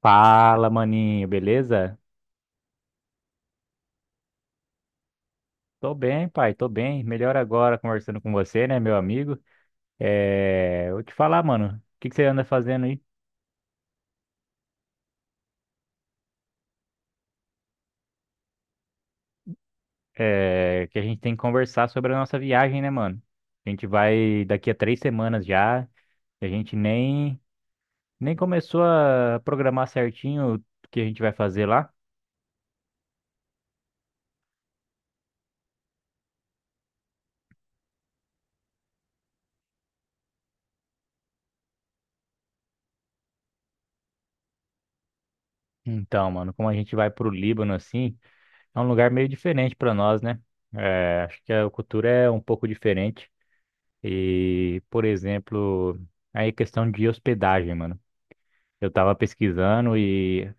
Fala, maninho, beleza? Tô bem, pai, tô bem. Melhor agora conversando com você, né, meu amigo? É, vou te falar, mano, o que que você anda fazendo aí? É, que a gente tem que conversar sobre a nossa viagem, né, mano? A gente vai daqui a 3 semanas já, a gente nem começou a programar certinho o que a gente vai fazer lá. Então, mano, como a gente vai pro Líbano, assim, é um lugar meio diferente pra nós, né? É, acho que a cultura é um pouco diferente. E, por exemplo, aí questão de hospedagem, mano. Eu tava pesquisando e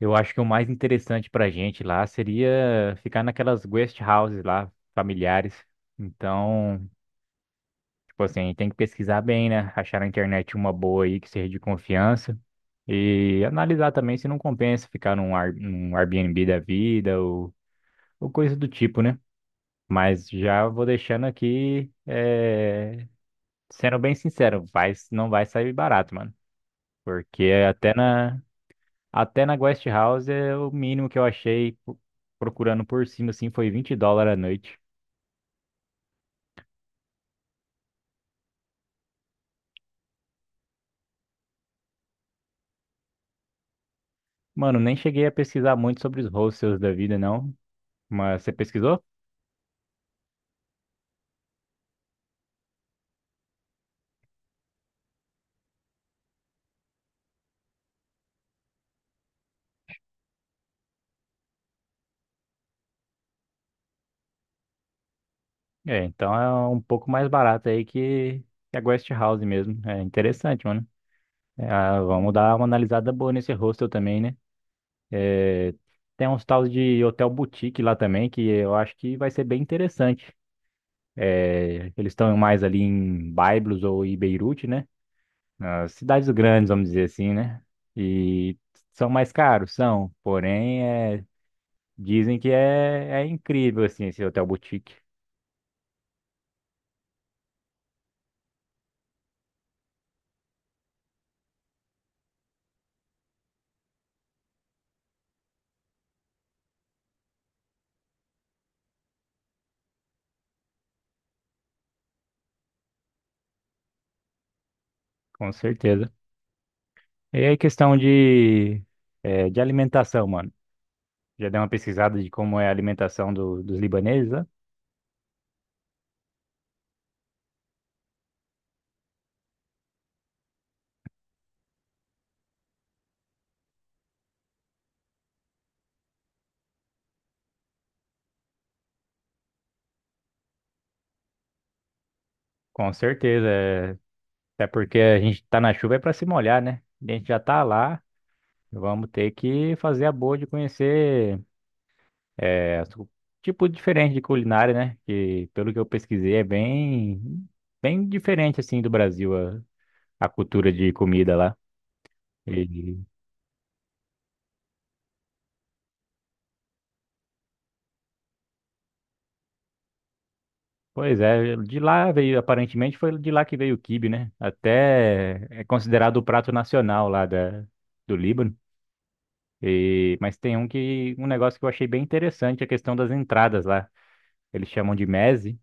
eu acho que o mais interessante pra gente lá seria ficar naquelas guest houses lá, familiares. Então, tipo assim, tem que pesquisar bem, né? Achar na internet uma boa aí que seja de confiança. E analisar também se não compensa ficar num Airbnb da vida ou coisa do tipo, né? Mas já vou deixando aqui sendo bem sincero, vai, não vai sair barato, mano. Porque até na Guest House, é o mínimo que eu achei procurando por cima, assim, foi 20 dólares a noite. Mano, nem cheguei a pesquisar muito sobre os hostels da vida, não. Mas você pesquisou? É, então é um pouco mais barato aí que a Guest House mesmo. É interessante, mano. É, ah, vamos dar uma analisada boa nesse hostel também, né? Tem uns tals de hotel boutique lá também, que eu acho que vai ser bem interessante. É, eles estão mais ali em Byblos ou em Beirute, né? Nas cidades grandes, vamos dizer assim, né? E são mais caros, são. Porém, é, dizem que é incrível, assim, esse hotel boutique. Com certeza. E aí, questão de alimentação, mano. Já deu uma pesquisada de como é a alimentação dos libaneses, né? Com certeza. É. Até porque a gente tá na chuva é pra se molhar, né? A gente já tá lá. Vamos ter que fazer a boa de conhecer. É, tipo diferente de culinária, né? Que pelo que eu pesquisei é bem bem diferente assim do Brasil a cultura de comida lá. E, pois é, de lá veio aparentemente foi de lá que veio o quibe, né? Até é considerado o prato nacional lá da do Líbano. E mas tem um que um negócio que eu achei bem interessante, a questão das entradas lá. Eles chamam de meze.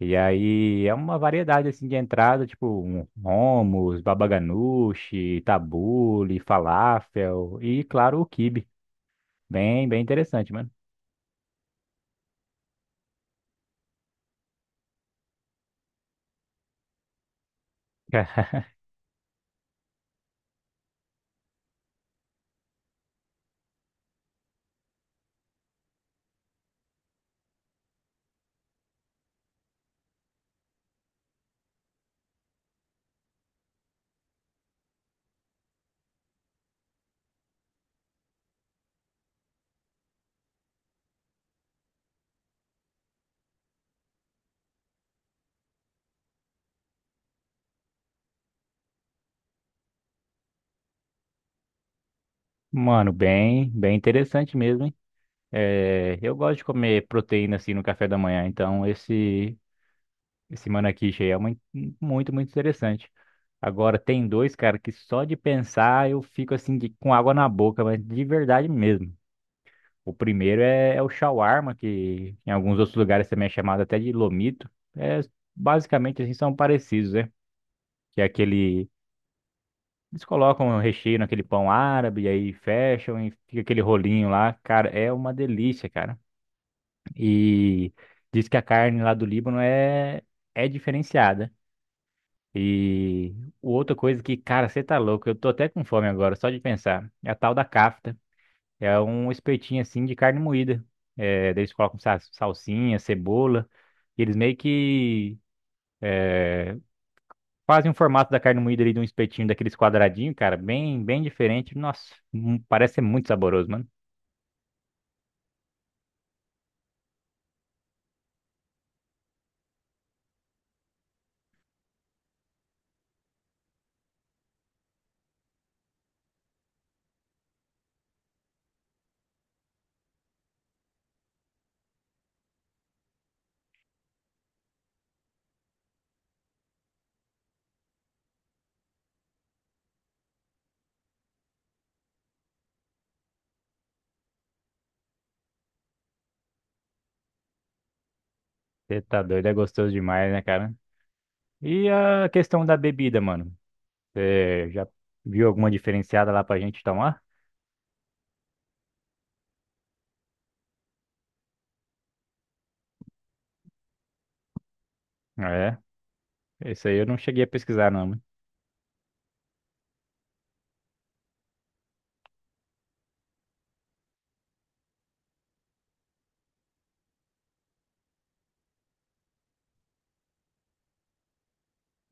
E aí é uma variedade assim de entrada, tipo um hummus, baba ganoush, tabule, falafel e claro o quibe. Bem, bem interessante, mano. Mano, bem, bem interessante mesmo, hein? É, eu gosto de comer proteína assim no café da manhã, então esse manakish aí é muito, muito, muito interessante. Agora tem dois, cara, que só de pensar eu fico assim com água na boca, mas de verdade mesmo. O primeiro é o shawarma, que em alguns outros lugares também é chamado até de lomito. É, basicamente, assim, são parecidos, né? Que é aquele... Eles colocam o recheio naquele pão árabe, e aí fecham e fica aquele rolinho lá. Cara, é uma delícia, cara. E diz que a carne lá do Líbano é diferenciada. E outra coisa que, cara, você tá louco, eu tô até com fome agora, só de pensar, é a tal da kafta. É um espetinho assim de carne moída. É, daí eles colocam salsinha, cebola. E eles meio que fazem o formato da carne moída ali de um espetinho daqueles quadradinhos, cara, bem, bem diferente. Nossa, parece ser muito saboroso, mano. Você tá doido, é gostoso demais, né, cara? E a questão da bebida, mano. Você já viu alguma diferenciada lá pra gente tomar? É, isso aí eu não cheguei a pesquisar, não, mano.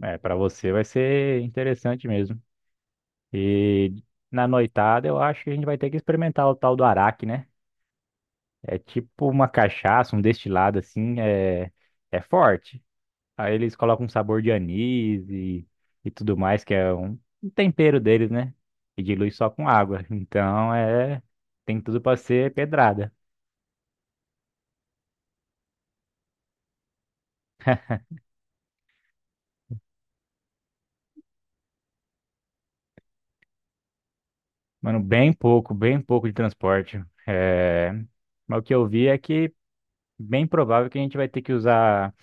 É, pra você vai ser interessante mesmo. E na noitada eu acho que a gente vai ter que experimentar o tal do araque, né? É tipo uma cachaça, um destilado assim, é forte. Aí eles colocam um sabor de anis e tudo mais, que é um tempero deles, né? E dilui só com água. Então é, tem tudo pra ser pedrada. Mano, bem pouco de transporte. É, mas o que eu vi é que bem provável que a gente vai ter que usar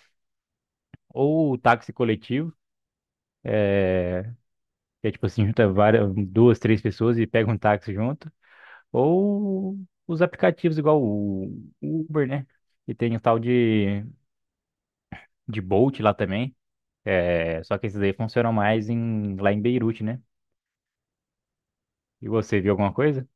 ou o táxi coletivo. É, que é tipo assim, junta várias, duas, três pessoas e pega um táxi junto, ou os aplicativos igual o Uber, né? E tem o tal de Bolt lá também, é, só que esses aí funcionam mais lá em Beirute, né? E você viu alguma coisa?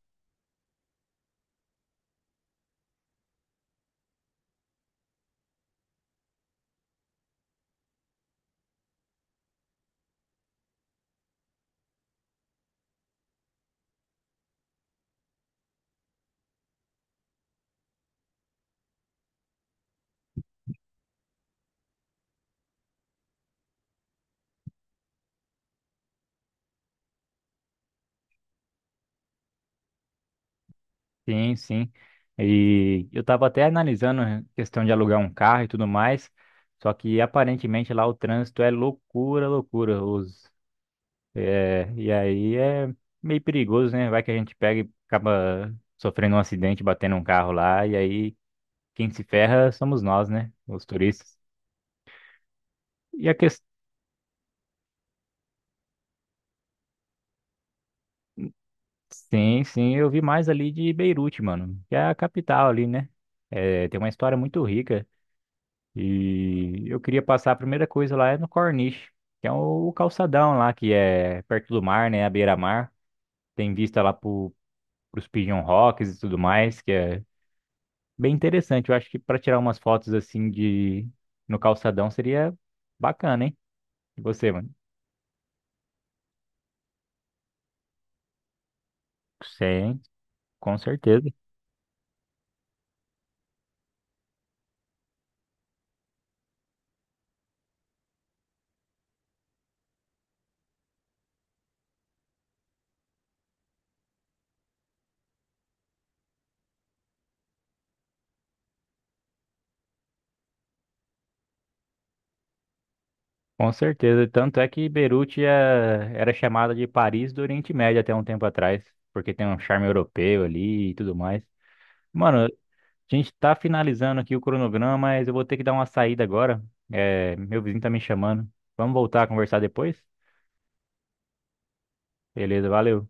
Sim, sim. E eu tava até analisando a questão de alugar um carro e tudo mais, só que aparentemente lá o trânsito é loucura, loucura. Os É, e aí é meio perigoso, né? Vai que a gente pega e acaba sofrendo um acidente, batendo um carro lá, e aí quem se ferra somos nós, né? Os turistas. E a questão. Sim, sim, eu vi mais ali de Beirute, mano, que é a capital ali, né? É, tem uma história muito rica. E eu queria passar a primeira coisa lá é no Corniche, que é o calçadão lá, que é perto do mar, né? A beira-mar. Tem vista lá pros Pigeon Rocks e tudo mais, que é bem interessante. Eu acho que para tirar umas fotos assim de no calçadão seria bacana, hein? E você, mano? Sim, com certeza. Com certeza. Tanto é que Beirute era chamada de Paris do Oriente Médio até um tempo atrás, porque tem um charme europeu ali e tudo mais. Mano, a gente tá finalizando aqui o cronograma, mas eu vou ter que dar uma saída agora. É, meu vizinho tá me chamando. Vamos voltar a conversar depois? Beleza, valeu.